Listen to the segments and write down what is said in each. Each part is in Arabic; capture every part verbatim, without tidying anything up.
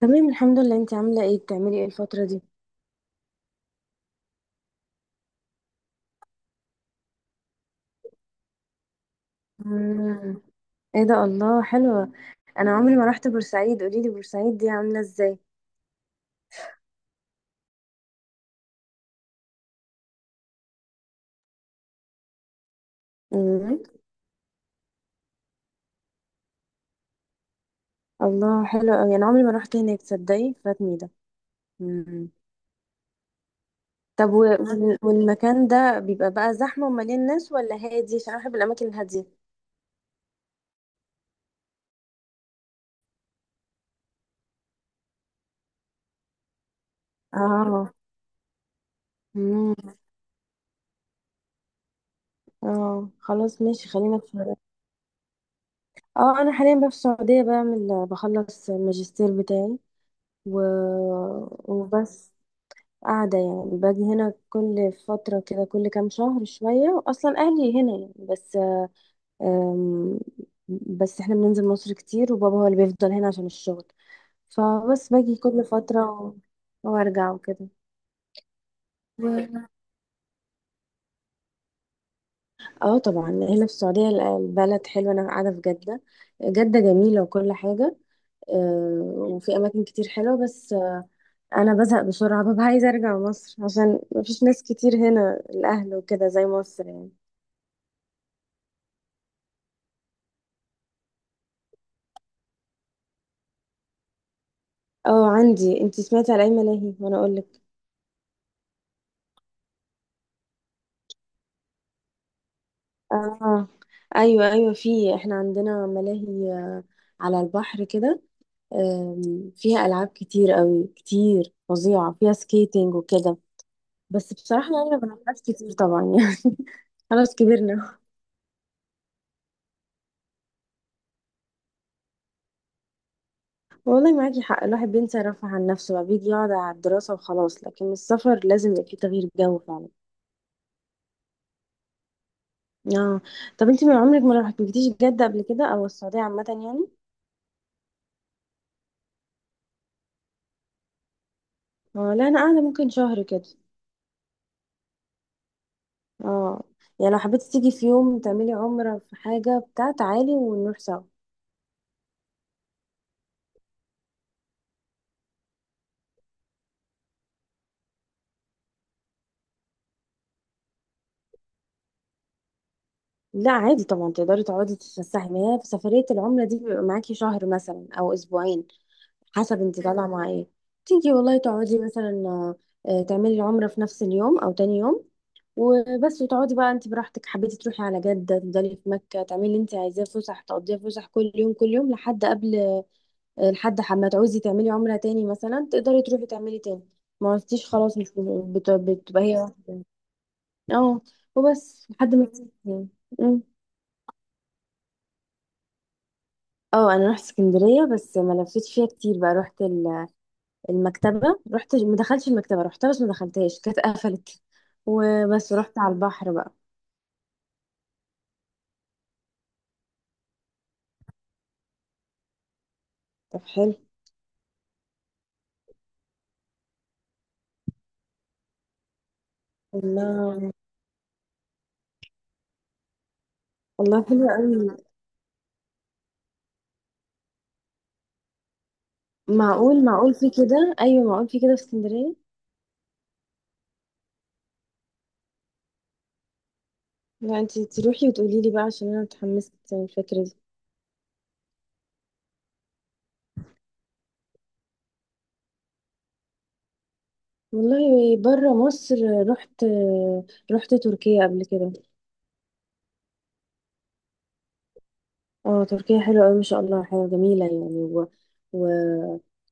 تمام الحمد لله، انت عامله ايه؟ بتعملي ايه الفتره دي؟ مم. ايه ده، الله حلوه. انا عمري ما رحت بورسعيد، قولي لي بورسعيد دي عامله ازاي؟ مم. الله، حلو قوي، انا عمري ما رحت هناك، تصدقي فاتني ده. مم. طب و... وال- والمكان ده بيبقى بقى زحمه ومليان ناس ولا هادي؟ عشان انا بحب الاماكن الهاديه. اه. مم. اه خلاص ماشي، خلينا في، اه انا حاليا بقى في السعوديه بعمل بخلص الماجستير بتاعي و... وبس. قاعدة يعني، باجي هنا كل فترة كده، كل كام شهر شوية، أصلا أهلي هنا يعني، بس أم، بس احنا بننزل مصر كتير، وبابا هو اللي بيفضل هنا عشان الشغل، فبس باجي كل فترة و- وارجع وكده. و- اه طبعا هنا في السعودية ال- البلد حلوة، أنا قاعدة في جدة. جدة جميلة وكل حاجة. أه، وفي أماكن كتير حلوة، بس أه، أنا بزهق بسرعة، ببقى عايزة أرجع مصر، عشان مفيش ناس كتير هنا، الأهل وكده زي مصر يعني. اه عندي، انتي سمعتي على اي ملاهي وانا اقولك؟ اه ايوه ايوه، في، احنا عندنا ملاهي، آه، على البحر كده. آم، فيها العاب كتير قوي، كتير فظيعه، فيها سكيتنج وكده. بس بصراحه يعني ما بنلعبش كتير طبعا يعني خلاص كبرنا. والله معاكي حق، الواحد بينسى يرفه عن نفسه بقى، بيجي يقعد على الدراسه وخلاص، لكن السفر لازم يبقى فيه تغيير جو فعلا. اه. طب انتي من عمرك ما رحتيش جده قبل كده او السعوديه عامه يعني؟ آه، لا انا قاعده ممكن شهر كده. اه يعني لو حبيتي تيجي في يوم تعملي عمرة في حاجة بتاع، تعالي ونروح سوا. لا عادي طبعا، تقدري تقعدي تتفسحي، ما هي في سفرية العمرة دي بيبقى معاكي شهر مثلا أو أسبوعين، حسب انت طالعة مع ايه. تيجي والله تقعدي مثلا آه، آه، تعملي العمرة في نفس اليوم أو تاني يوم وبس، وتقعدي بقى انت براحتك، حبيتي تروحي على جدة تفضلي، في مكة تعملي اللي انت عايزاه، فسح تقضيها فسح كل يوم كل يوم لحد قبل، لحد ما تعوزي تعملي عمرة تاني مثلا تقدري تروحي تعملي تاني. ما عرفتيش خلاص، مش بت- بتبقى هي واحدة. اه وبس لحد ما تسيبي يعني. أمم. اه انا رحت اسكندريه، بس ما لفتش فيها كتير بقى، رحت ال- المكتبه، رحت ما دخلتش المكتبه، رحتها بس ما دخلتهاش، كانت قفلت. وبس رحت على البحر بقى. طب حلو. الله، والله حلو قوي. معقول، معقول في كده، ايوه معقول في كده في اسكندريه. لا انت تروحي وتقولي لي بقى عشان انا متحمسه الفكره دي. والله بره مصر، رحت، رحت تركيا قبل كده. اه تركيا حلوة أوي ما شاء الله، حلوة جميلة يعني و... و...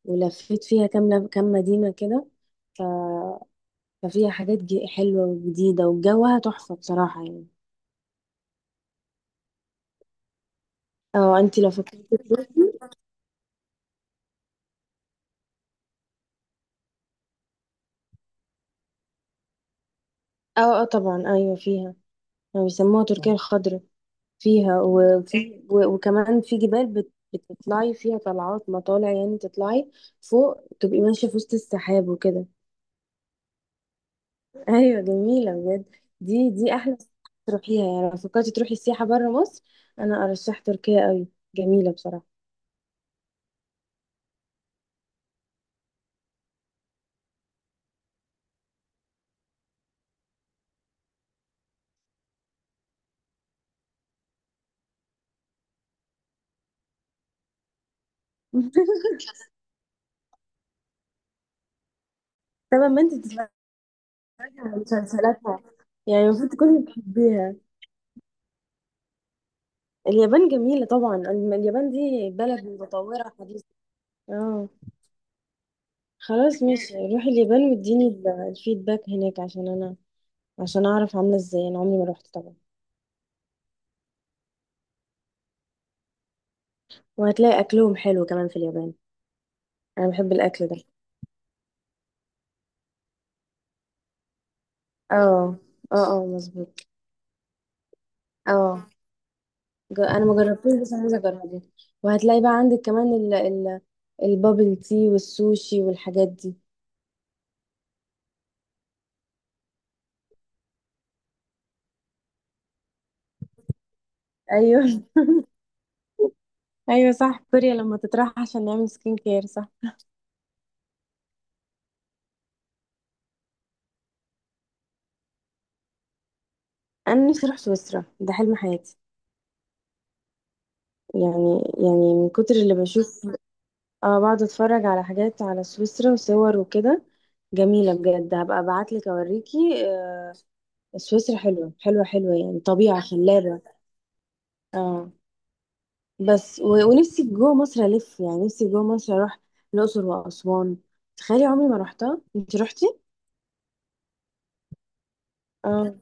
ولفيت فيها كام كام مدينة كده. ف... ففيها حاجات ج- حلوة وجديدة، وجوها تحفة بصراحة يعني. اه انتي لو فكرتي تروحي. اه اه طبعا ايوه فيها، يعني بيسموها تركيا الخضراء، فيها وفي و... وكمان في جبال بت... بتطلعي فيها طلعات مطالع، يعني تطلعي فوق تبقي ماشية في وسط السحاب وكده. ايوه جميله بجد. دي دي احلى سياحة تروحيها، يعني لو فكرتي تروحي السياحه بره مصر انا ارشح تركيا قوي، جميله بصراحه. طبعا ما انت بتتفرجي على مسلسلاتها، يعني المفروض تكوني بتحبيها. اليابان جميله طبعا، الم- اليابان دي بلد متطوره حديثه. اه خلاص ماشي، روحي اليابان واديني ال- الفيدباك هناك، عشان انا عشان اعرف عامله ازاي، انا عمري ما روحت طبعا. وهتلاقي اكلهم حلو كمان في اليابان. انا بحب الاكل ده. اه اه اه مظبوط. اه ج- انا ما جربتوش بس انا عايزه اجربه. وهتلاقي بقى عندك كمان ال ال البابل تي والسوشي والحاجات دي. ايوه. ايوه صح، كوريا لما تطرح عشان نعمل سكين كير، صح. انا نفسي اروح سويسرا، ده حلم حياتي، يعني يعني من كتر اللي بشوف، اه بقعد اتفرج على حاجات على سويسرا وصور وكده. جميله بجد، هبقى ابعت لك اوريكي. آه، سويسرا حلوه حلوه حلوه، يعني طبيعه خلابه. اه. بس و... ونفسي جوه مصر الف، يعني نفسي جوه مصر اروح الاقصر واسوان، تخيلي عمري ما رحتها، انت رحتي؟ اه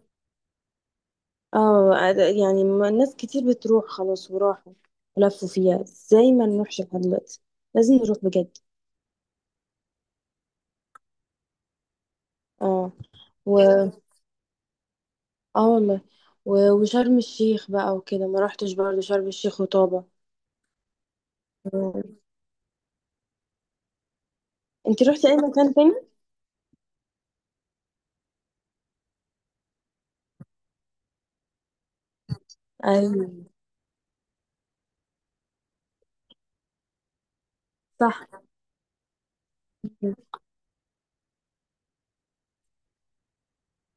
اه أد- يعني ما- ناس كتير بتروح خلاص وراحوا ولفوا فيها، ازاي ما نروحش لحد دلوقتي؟ لازم نروح بجد. اه. و اه والله و... وشرم الشيخ بقى وكده ما رحتش برضه، شرم الشيخ وطابة. آه. انت رحتي اي مكان تاني؟ ايوه صح.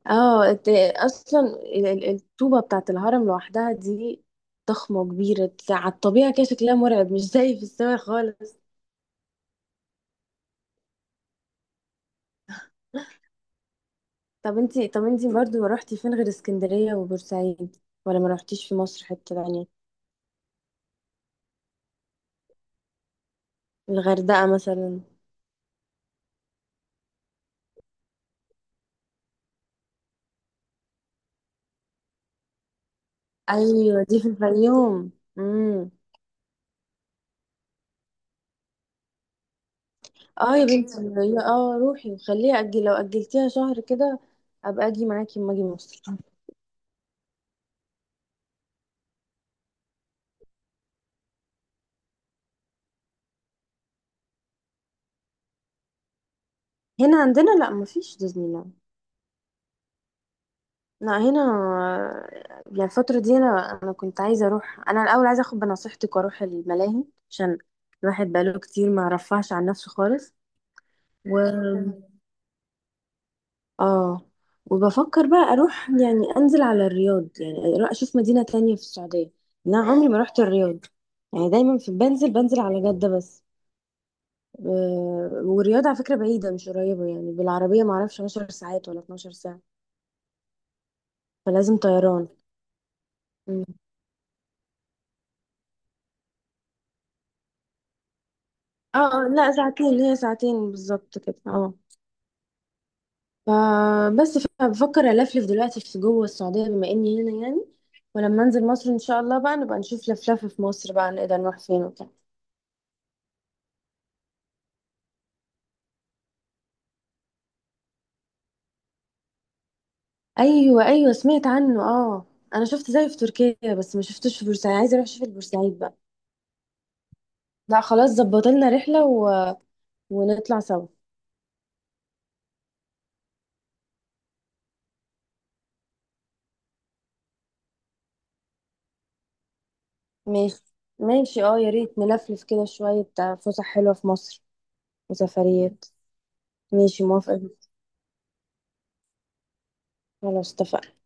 اه انت، اصلا ال- ال- الطوبه بتاعت الهرم لوحدها دي ضخمه كبيره على الطبيعه كده، شكلها مرعب، مش زي في السماء خالص. طب انت، طب انت برضو رحتي فين غير اسكندريه وبورسعيد؟ ولا ما رحتيش في مصر حته تانية؟ الغردقه مثلا. ايوه دي في الفيوم. امم. اه يا بنتي هي- اه روحي وخليها اجل، لو اجلتيها شهر كده ابقى اجي معاكي اما اجي مصر. هنا عندنا لا مفيش ديزني لاند. لا هنا يعني الفترة دي، أنا أنا كنت عايزة أروح، أنا الأول عايزة أخد بنصيحتك وأروح الملاهي عشان الواحد بقاله كتير ما رفعش عن نفسه خالص. و تمام. آه. وبفكر بقى أروح يعني أنزل على الرياض، يعني أروح أشوف مدينة تانية في السعودية، أنا عمري ما رحت الرياض، يعني دايما في بنزل بنزل على جدة بس. آه، والرياض على فكرة بعيدة مش قريبة، يعني بالعربية معرفش عشر ساعات ولا اتناشر ساعة، فلازم طيران. اه آه، لا ساعتين، هي ساعتين بالظبط كده اه. فبس بفكر الفلف دلوقتي في جوه السعوديه بما اني هنا يعني، ولما انزل مصر ان شاء الله بقى نبقى نشوف لفلفه في مصر بقى، نقدر نروح فين وكده. ايوه ايوه سمعت عنه اه، انا شفت زيه في تركيا بس ما شفتوش في بورسعيد، عايزه اروح اشوف البورسعيد بقى. لا خلاص، ظبط لنا رحله و... ونطلع سوا. ماشي، ماشي اه، يا ريت نلفلف كده شويه بتاع فسح حلوه في مصر وسفريات. ماشي موافقه. خلاص اتفقنا.